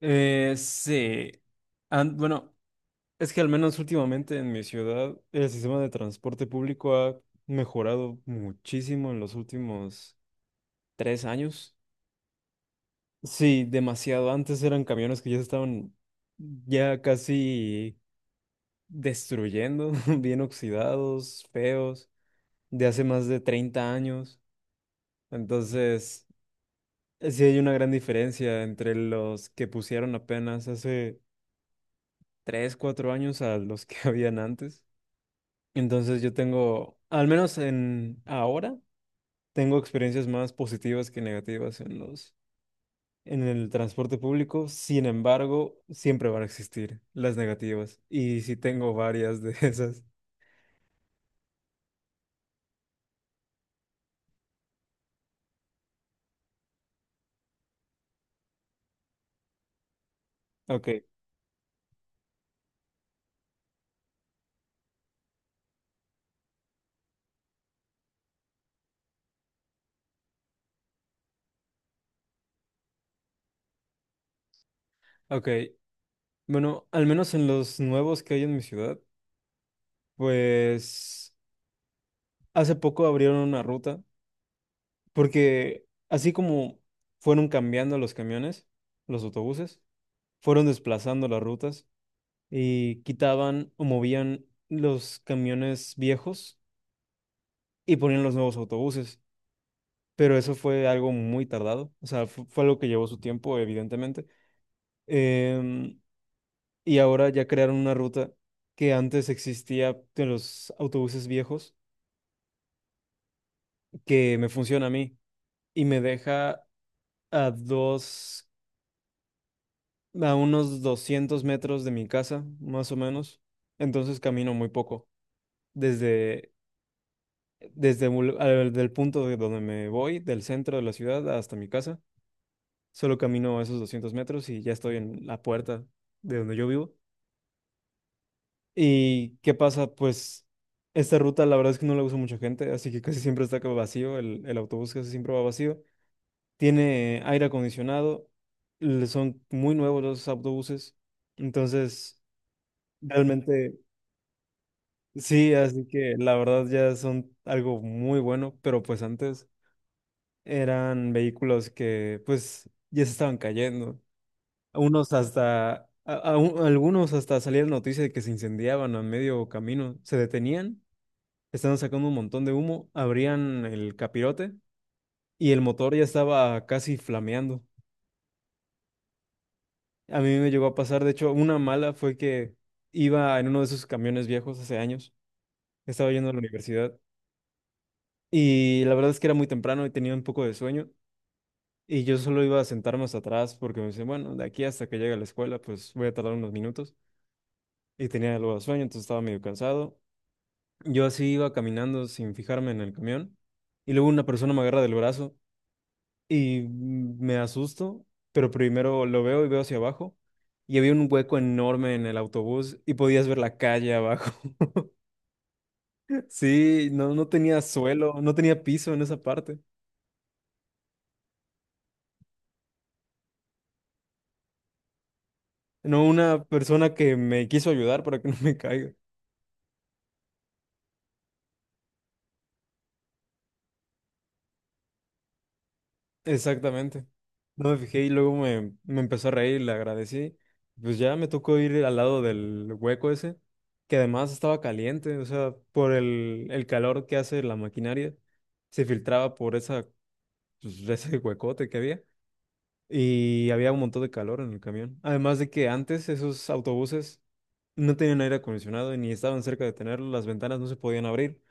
Sí. Bueno, es que al menos últimamente en mi ciudad el sistema de transporte público ha mejorado muchísimo en los últimos 3 años. Sí, demasiado. Antes eran camiones que ya se estaban ya casi destruyendo, bien oxidados, feos, de hace más de 30 años. Entonces, sí hay una gran diferencia entre los que pusieron apenas hace 3 4 años a los que habían antes. Entonces yo tengo, al menos en ahora, tengo experiencias más positivas que negativas en el transporte público. Sin embargo, siempre van a existir las negativas. Y sí tengo varias de esas. Ok, ok. Bueno, al menos en los nuevos que hay en mi ciudad, pues hace poco abrieron una ruta, porque así como fueron cambiando los camiones, los autobuses, fueron desplazando las rutas y quitaban o movían los camiones viejos y ponían los nuevos autobuses. Pero eso fue algo muy tardado, o sea, fue, algo que llevó su tiempo, evidentemente. Em, y ahora ya crearon una ruta que antes existía de los autobuses viejos, que me funciona a mí y me deja a dos, a unos 200 metros de mi casa, más o menos. Entonces camino muy poco desde Desde el punto de donde me voy, del centro de la ciudad hasta mi casa, solo camino esos 200 metros y ya estoy en la puerta de donde yo vivo. ¿Y qué pasa? Pues esta ruta la verdad es que no la usa mucha gente, así que casi siempre está como vacío, el autobús casi siempre va vacío. Tiene aire acondicionado, son muy nuevos los autobuses, entonces realmente sí, así que la verdad ya son algo muy bueno, pero pues antes eran vehículos que pues ya se estaban cayendo. Unos hasta, a- un- Algunos hasta salía la noticia de que se incendiaban a medio camino, se detenían, estaban sacando un montón de humo, abrían el capirote y el motor ya estaba casi flameando. A mí me llegó a pasar, de hecho, una mala fue que iba en uno de esos camiones viejos hace años, estaba yendo a la universidad y la verdad es que era muy temprano y tenía un poco de sueño. Y yo solo iba a sentarme hasta atrás porque me decía, bueno, de aquí hasta que llegue a la escuela, pues voy a tardar unos minutos. Y tenía algo de sueño, entonces estaba medio cansado. Yo así iba caminando sin fijarme en el camión. Y luego una persona me agarra del brazo y me asusto, pero primero lo veo y veo hacia abajo. Y había un hueco enorme en el autobús y podías ver la calle abajo. Sí, no, no tenía suelo, no tenía piso en esa parte. No, una persona que me quiso ayudar para que no me caiga. Exactamente. No me fijé y luego me empezó a reír, le agradecí. Pues ya me tocó ir al lado del hueco ese, que además estaba caliente, o sea, por el calor que hace la maquinaria, se filtraba por esa, pues, ese huecote que había y había un montón de calor en el camión. Además de que antes esos autobuses no tenían aire acondicionado y ni estaban cerca de tenerlo, las ventanas no se podían abrir,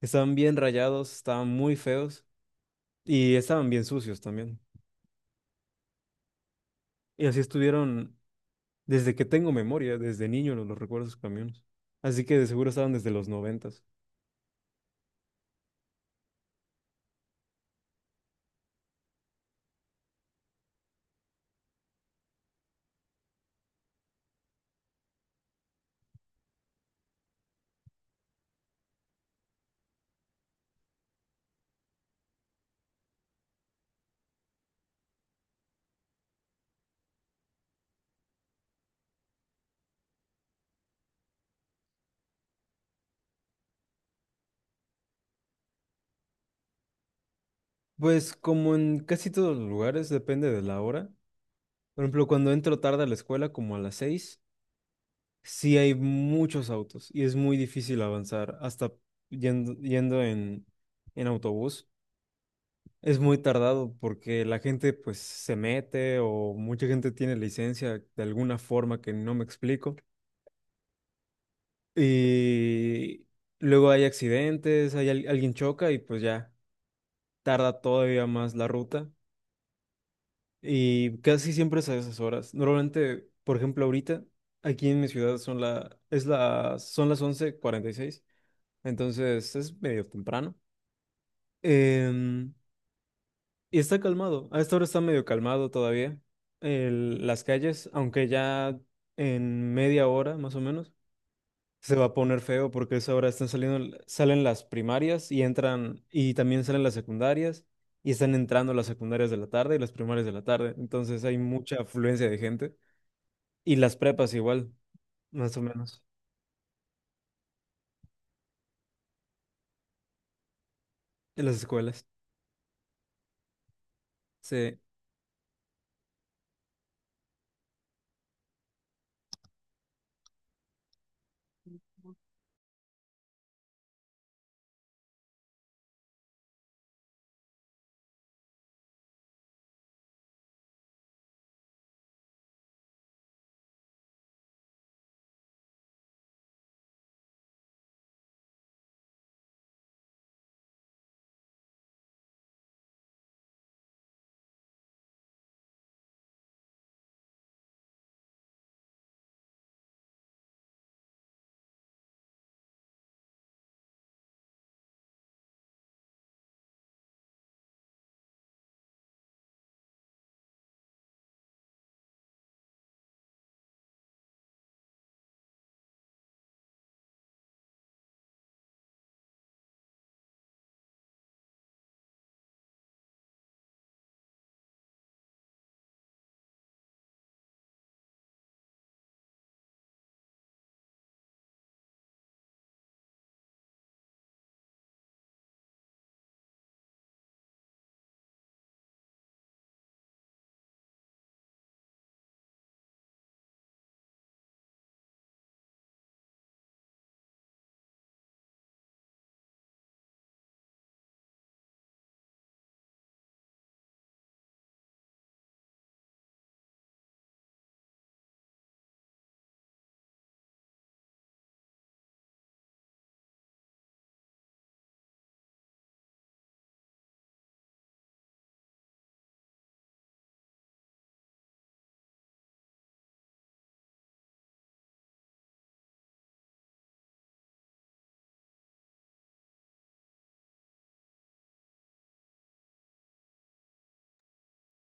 estaban bien rayados, estaban muy feos y estaban bien sucios también. Y así estuvieron. Desde que tengo memoria, desde niño los recuerdo esos camiones. Así que de seguro estaban desde los 90. Pues como en casi todos los lugares, depende de la hora. Por ejemplo, cuando entro tarde a la escuela, como a las 6, sí hay muchos autos y es muy difícil avanzar. Hasta yendo en autobús, es muy tardado porque la gente pues se mete o mucha gente tiene licencia de alguna forma que no me explico. Y luego hay accidentes, hay alguien choca y pues ya tarda todavía más la ruta y casi siempre es a esas horas. Normalmente, por ejemplo, ahorita aquí en mi ciudad son la, es la, son las 11:46 entonces es medio temprano. Em, y está calmado, a esta hora está medio calmado todavía las calles, aunque ya en media hora más o menos se va a poner feo porque eso ahora están saliendo, salen las primarias y entran, y también salen las secundarias, y están entrando las secundarias de la tarde y las primarias de la tarde. Entonces hay mucha afluencia de gente. Y las prepas igual, más o menos, en las escuelas. Sí,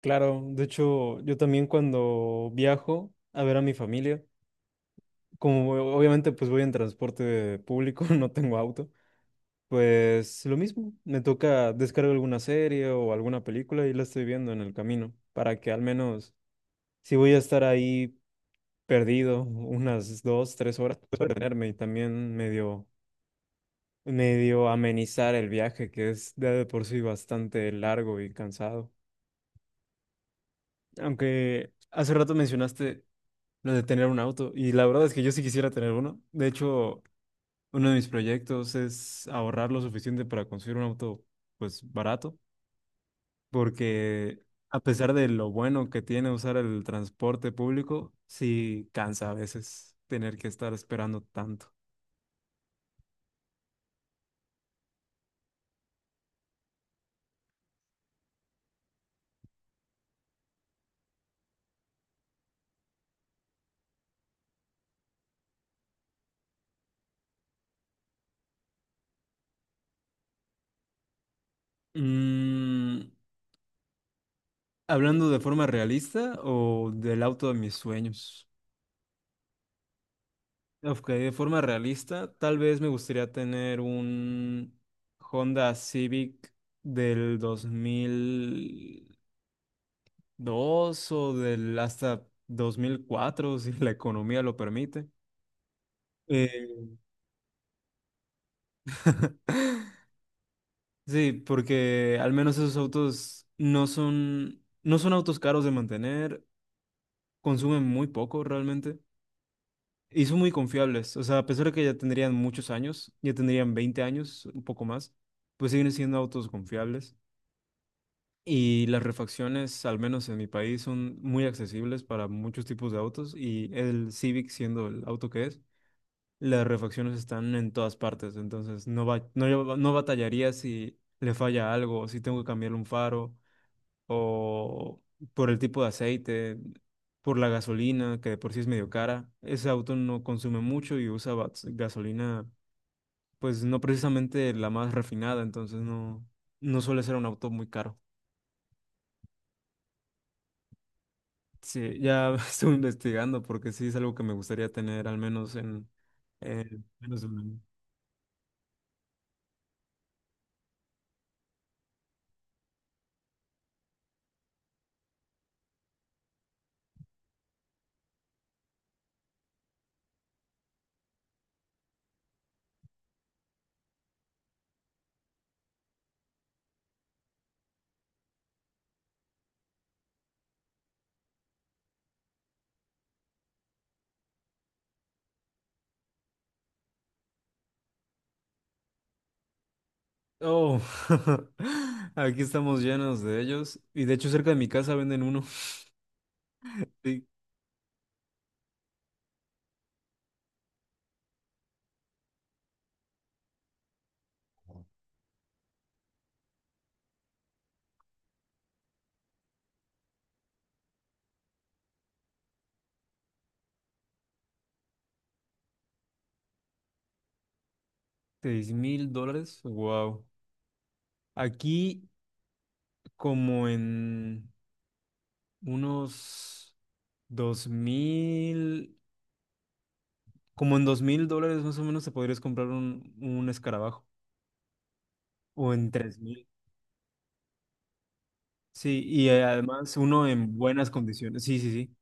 claro. De hecho, yo también cuando viajo a ver a mi familia, como obviamente pues voy en transporte público, no tengo auto. Pues lo mismo, me toca descargar alguna serie o alguna película y la estoy viendo en el camino, para que al menos si voy a estar ahí perdido unas 2, 3 horas, pueda detenerme y también medio amenizar el viaje, que es de por sí bastante largo y cansado. Aunque hace rato mencionaste lo de tener un auto y la verdad es que yo sí quisiera tener uno. De hecho, uno de mis proyectos es ahorrar lo suficiente para conseguir un auto pues barato porque a pesar de lo bueno que tiene usar el transporte público, sí cansa a veces tener que estar esperando tanto. Mm, hablando de forma realista o del auto de mis sueños. Ok, de forma realista, tal vez me gustaría tener un Honda Civic del 2002 o del hasta 2004 si la economía lo permite. Eh, Sí, porque al menos esos autos no son autos caros de mantener, consumen muy poco realmente y son muy confiables. O sea, a pesar de que ya tendrían muchos años, ya tendrían 20 años, un poco más, pues siguen siendo autos confiables. Y las refacciones, al menos en mi país, son muy accesibles para muchos tipos de autos y el Civic siendo el auto que es, las refacciones están en todas partes, entonces no va, no, no batallaría si le falla algo, si tengo que cambiarle un faro o por el tipo de aceite, por la gasolina, que de por sí es medio cara. Ese auto no consume mucho y usa gasolina, pues no precisamente la más refinada, entonces no suele ser un auto muy caro. Sí, ya estoy investigando porque sí es algo que me gustaría tener al menos en menos de un año. Oh, aquí estamos llenos de ellos y de hecho cerca de mi casa venden uno. Sí, $6000. Wow. Aquí como en unos dos mil, como en $2000 más o menos te podrías comprar un escarabajo. O en 3000. Sí, y además uno en buenas condiciones. Sí, sí, sí.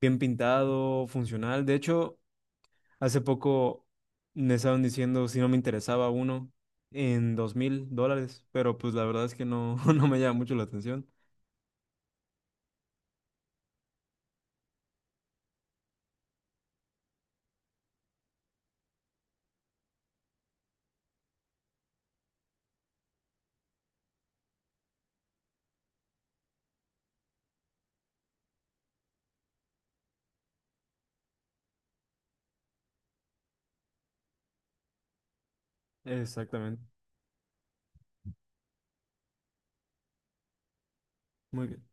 Bien pintado, funcional. De hecho, hace poco me estaban diciendo si no me interesaba uno en $2000, pero pues la verdad es que no, no me llama mucho la atención. Exactamente. Muy bien.